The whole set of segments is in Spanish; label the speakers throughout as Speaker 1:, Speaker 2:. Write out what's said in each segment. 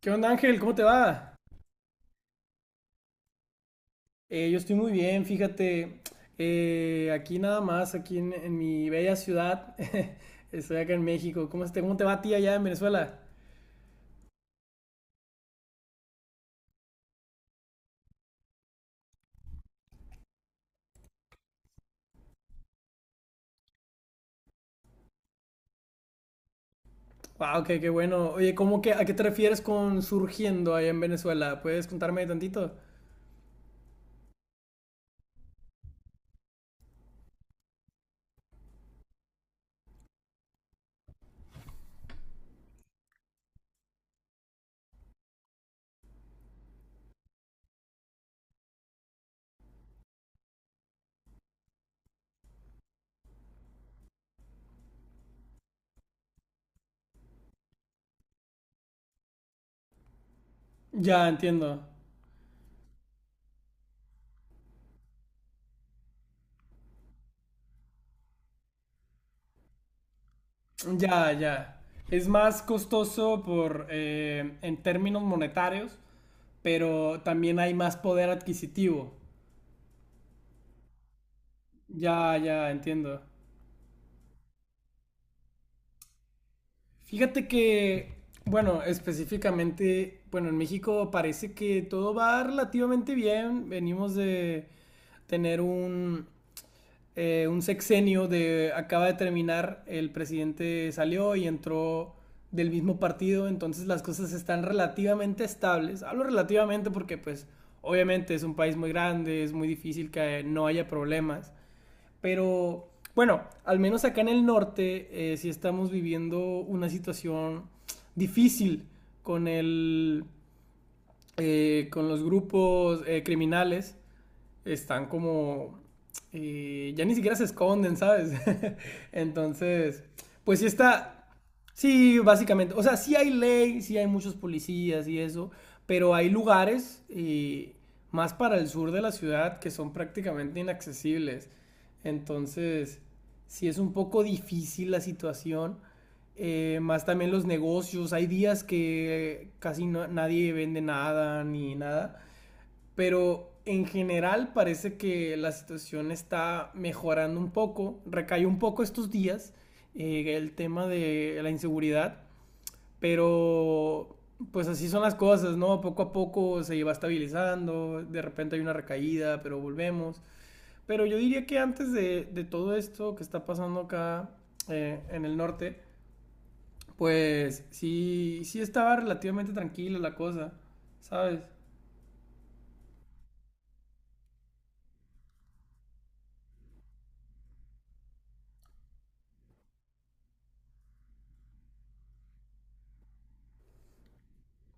Speaker 1: ¿Qué onda, Ángel? ¿Cómo te va? Yo estoy muy bien, fíjate. Aquí nada más, aquí en mi bella ciudad. Estoy acá en México. ¿Cómo, cómo te va a ti allá en Venezuela? Wow, qué bueno. Oye, ¿cómo que, a qué te refieres con surgiendo allá en Venezuela? ¿Puedes contarme tantito? Ya, entiendo. Ya, ya. Es más costoso por, en términos monetarios, pero también hay más poder adquisitivo. Ya, ya, entiendo. Fíjate que, bueno, específicamente, bueno, en México parece que todo va relativamente bien. Venimos de tener un sexenio de, acaba de terminar, el presidente salió y entró del mismo partido, entonces las cosas están relativamente estables. Hablo relativamente porque pues obviamente es un país muy grande, es muy difícil que no haya problemas. Pero bueno, al menos acá en el norte sí estamos viviendo una situación difícil con, el, con los grupos criminales están como... ya ni siquiera se esconden, ¿sabes? Entonces, pues sí está... Sí, básicamente. O sea, sí hay ley, sí hay muchos policías y eso, pero hay lugares más para el sur de la ciudad que son prácticamente inaccesibles. Entonces, sí es un poco difícil la situación. Más también los negocios. Hay días que casi nadie vende nada ni nada, pero en general parece que la situación está mejorando un poco, recayó un poco estos días el tema de la inseguridad, pero pues así son las cosas, ¿no? Poco a poco se va estabilizando, de repente hay una recaída, pero volvemos. Pero yo diría que antes de todo esto que está pasando acá en el norte, pues sí, sí estaba relativamente tranquila la cosa, ¿sabes?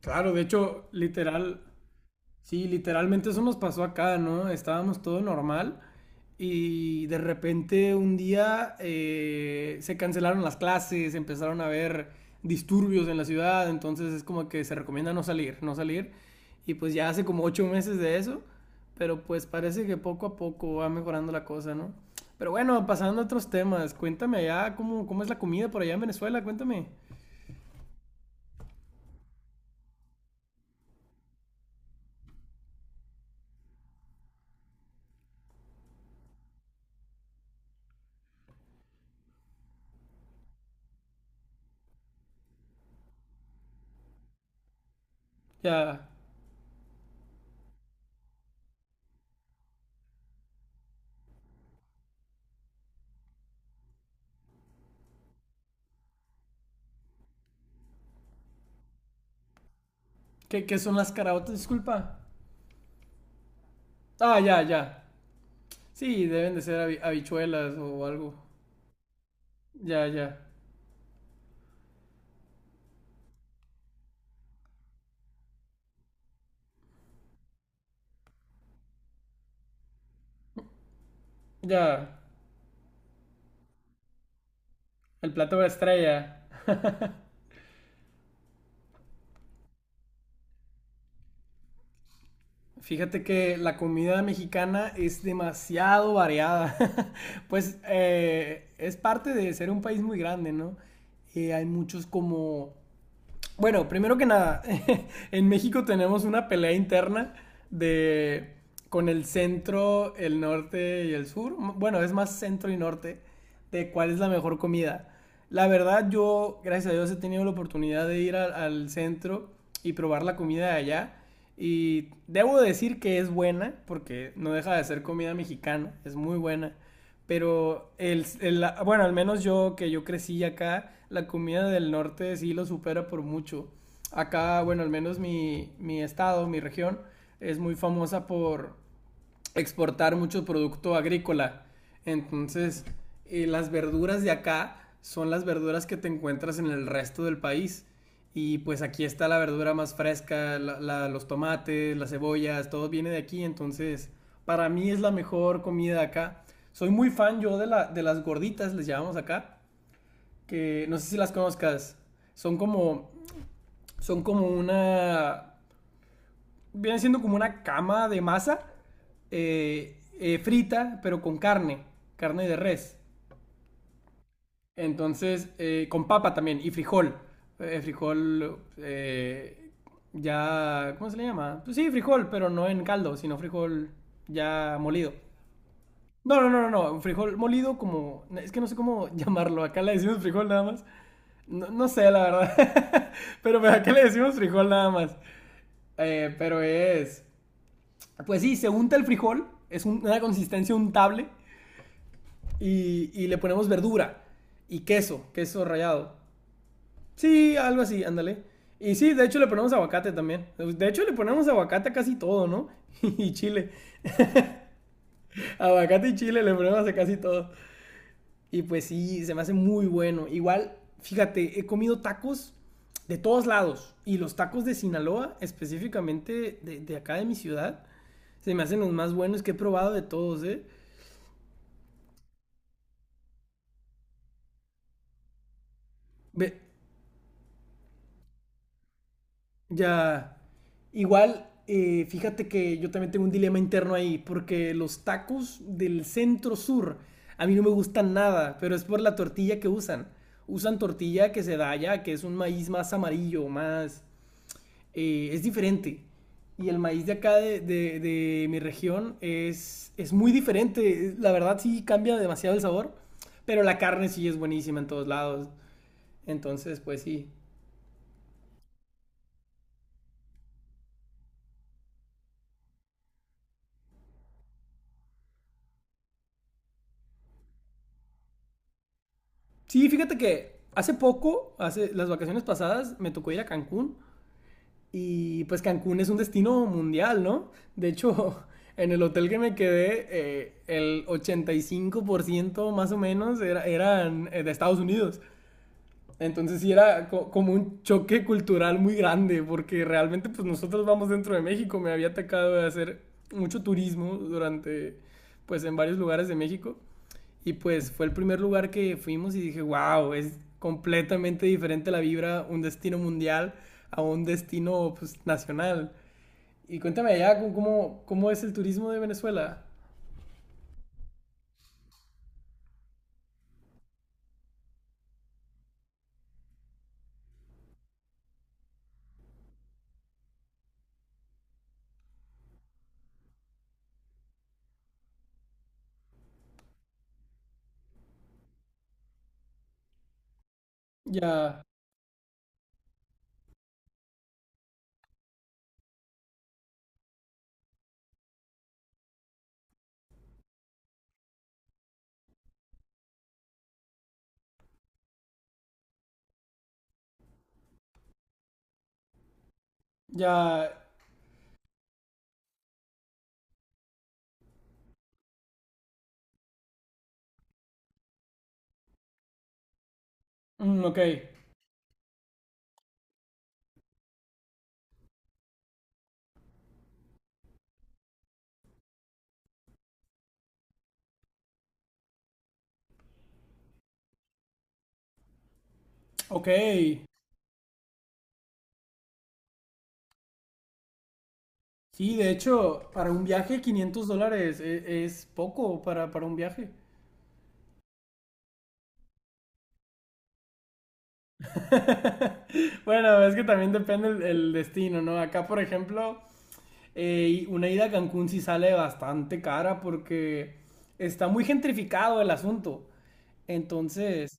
Speaker 1: Claro, de hecho, literal, sí, literalmente eso nos pasó acá, ¿no? Estábamos todo normal y de repente un día se cancelaron las clases, empezaron a haber disturbios en la ciudad, entonces es como que se recomienda no salir, no salir. Y pues ya hace como 8 meses de eso, pero pues parece que poco a poco va mejorando la cosa, ¿no? Pero bueno, pasando a otros temas, cuéntame allá cómo, cómo es la comida por allá en Venezuela, cuéntame. Ya, ¿qué, qué son las caraotas? Disculpa. Ah, ya, ya. Sí, deben de ser habichuelas o algo. Ya, ya. Ya. El plato de estrella. Fíjate que la comida mexicana es demasiado variada. Pues es parte de ser un país muy grande, ¿no? Hay muchos como bueno, primero que nada, en México tenemos una pelea interna de con el centro, el norte y el sur. Bueno, es más centro y norte de cuál es la mejor comida. La verdad, yo, gracias a Dios, he tenido la oportunidad de ir al centro y probar la comida de allá. Y debo decir que es buena, porque no deja de ser comida mexicana, es muy buena. Pero bueno, al menos yo que yo crecí acá, la comida del norte sí lo supera por mucho. Acá, bueno, al menos mi estado, mi región, es muy famosa por exportar mucho producto agrícola. Entonces, las verduras de acá son las verduras que te encuentras en el resto del país. Y pues aquí está la verdura más fresca, los tomates, las cebollas, todo viene de aquí. Entonces, para mí es la mejor comida de acá. Soy muy fan yo de las gorditas, les llamamos acá. Que no sé si las conozcas. Son como, son como una viene siendo como una cama de masa frita, pero con carne, carne de res. Entonces, con papa también y frijol. Frijol ya, ¿cómo se le llama? Pues sí, frijol, pero no en caldo, sino frijol ya molido. No, no, no, no, no, un frijol molido como, es que no sé cómo llamarlo, acá le decimos frijol nada más. No, no sé, la verdad, pero acá le decimos frijol nada más. Pero es pues sí, se unta el frijol, es una consistencia untable y le ponemos verdura y queso, queso rallado. Sí, algo así, ándale. Y sí, de hecho le ponemos aguacate también. De hecho le ponemos aguacate a casi todo, ¿no? Y chile. Aguacate y chile le ponemos a casi todo. Y pues sí, se me hace muy bueno. Igual, fíjate, he comido tacos de todos lados. Y los tacos de Sinaloa, específicamente de acá de mi ciudad, se me hacen los más buenos que he probado de todos, ¿eh? Ve- Ya. Igual, fíjate que yo también tengo un dilema interno ahí, porque los tacos del centro sur a mí no me gustan nada, pero es por la tortilla que usan. Usan tortilla que se da allá, que es un maíz más amarillo, más... es diferente. Y el maíz de acá de mi región es muy diferente. La verdad sí cambia demasiado el sabor, pero la carne sí es buenísima en todos lados. Entonces, pues sí. Sí, fíjate que hace poco, hace las vacaciones pasadas, me tocó ir a Cancún y pues Cancún es un destino mundial, ¿no? De hecho, en el hotel que me quedé, el 85% más o menos eran de Estados Unidos. Entonces sí era como un choque cultural muy grande, porque realmente pues nosotros vamos dentro de México, me había atacado de hacer mucho turismo durante, pues en varios lugares de México, y pues fue el primer lugar que fuimos y dije, wow, es completamente diferente la vibra, un destino mundial a un destino pues nacional. Y cuéntame allá ¿cómo, cómo es el turismo de Venezuela? Ya, ya, mm, ok, ok, sí, de hecho, para un viaje 500 dólares es poco para un viaje. Bueno, es que también depende el destino, ¿no? Acá, por ejemplo, una ida a Cancún sí sale bastante cara porque está muy gentrificado el asunto. Entonces,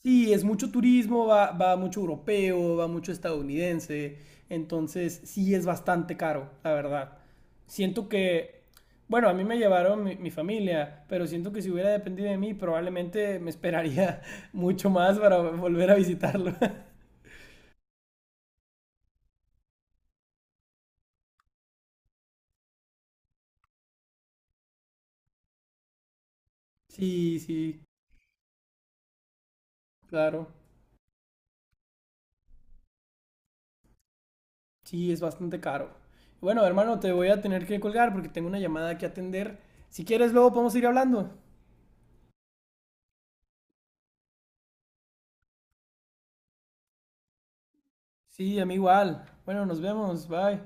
Speaker 1: sí, es mucho turismo, va mucho europeo, va mucho estadounidense, entonces sí es bastante caro, la verdad. Siento que, bueno, a mí me llevaron mi familia, pero siento que si hubiera dependido de mí, probablemente me esperaría mucho más para volver a visitarlo. Sí, sí, claro, sí es bastante caro. Bueno, hermano, te voy a tener que colgar porque tengo una llamada que atender. Si quieres, luego podemos ir hablando. Sí, a mí igual. Bueno, nos vemos, bye.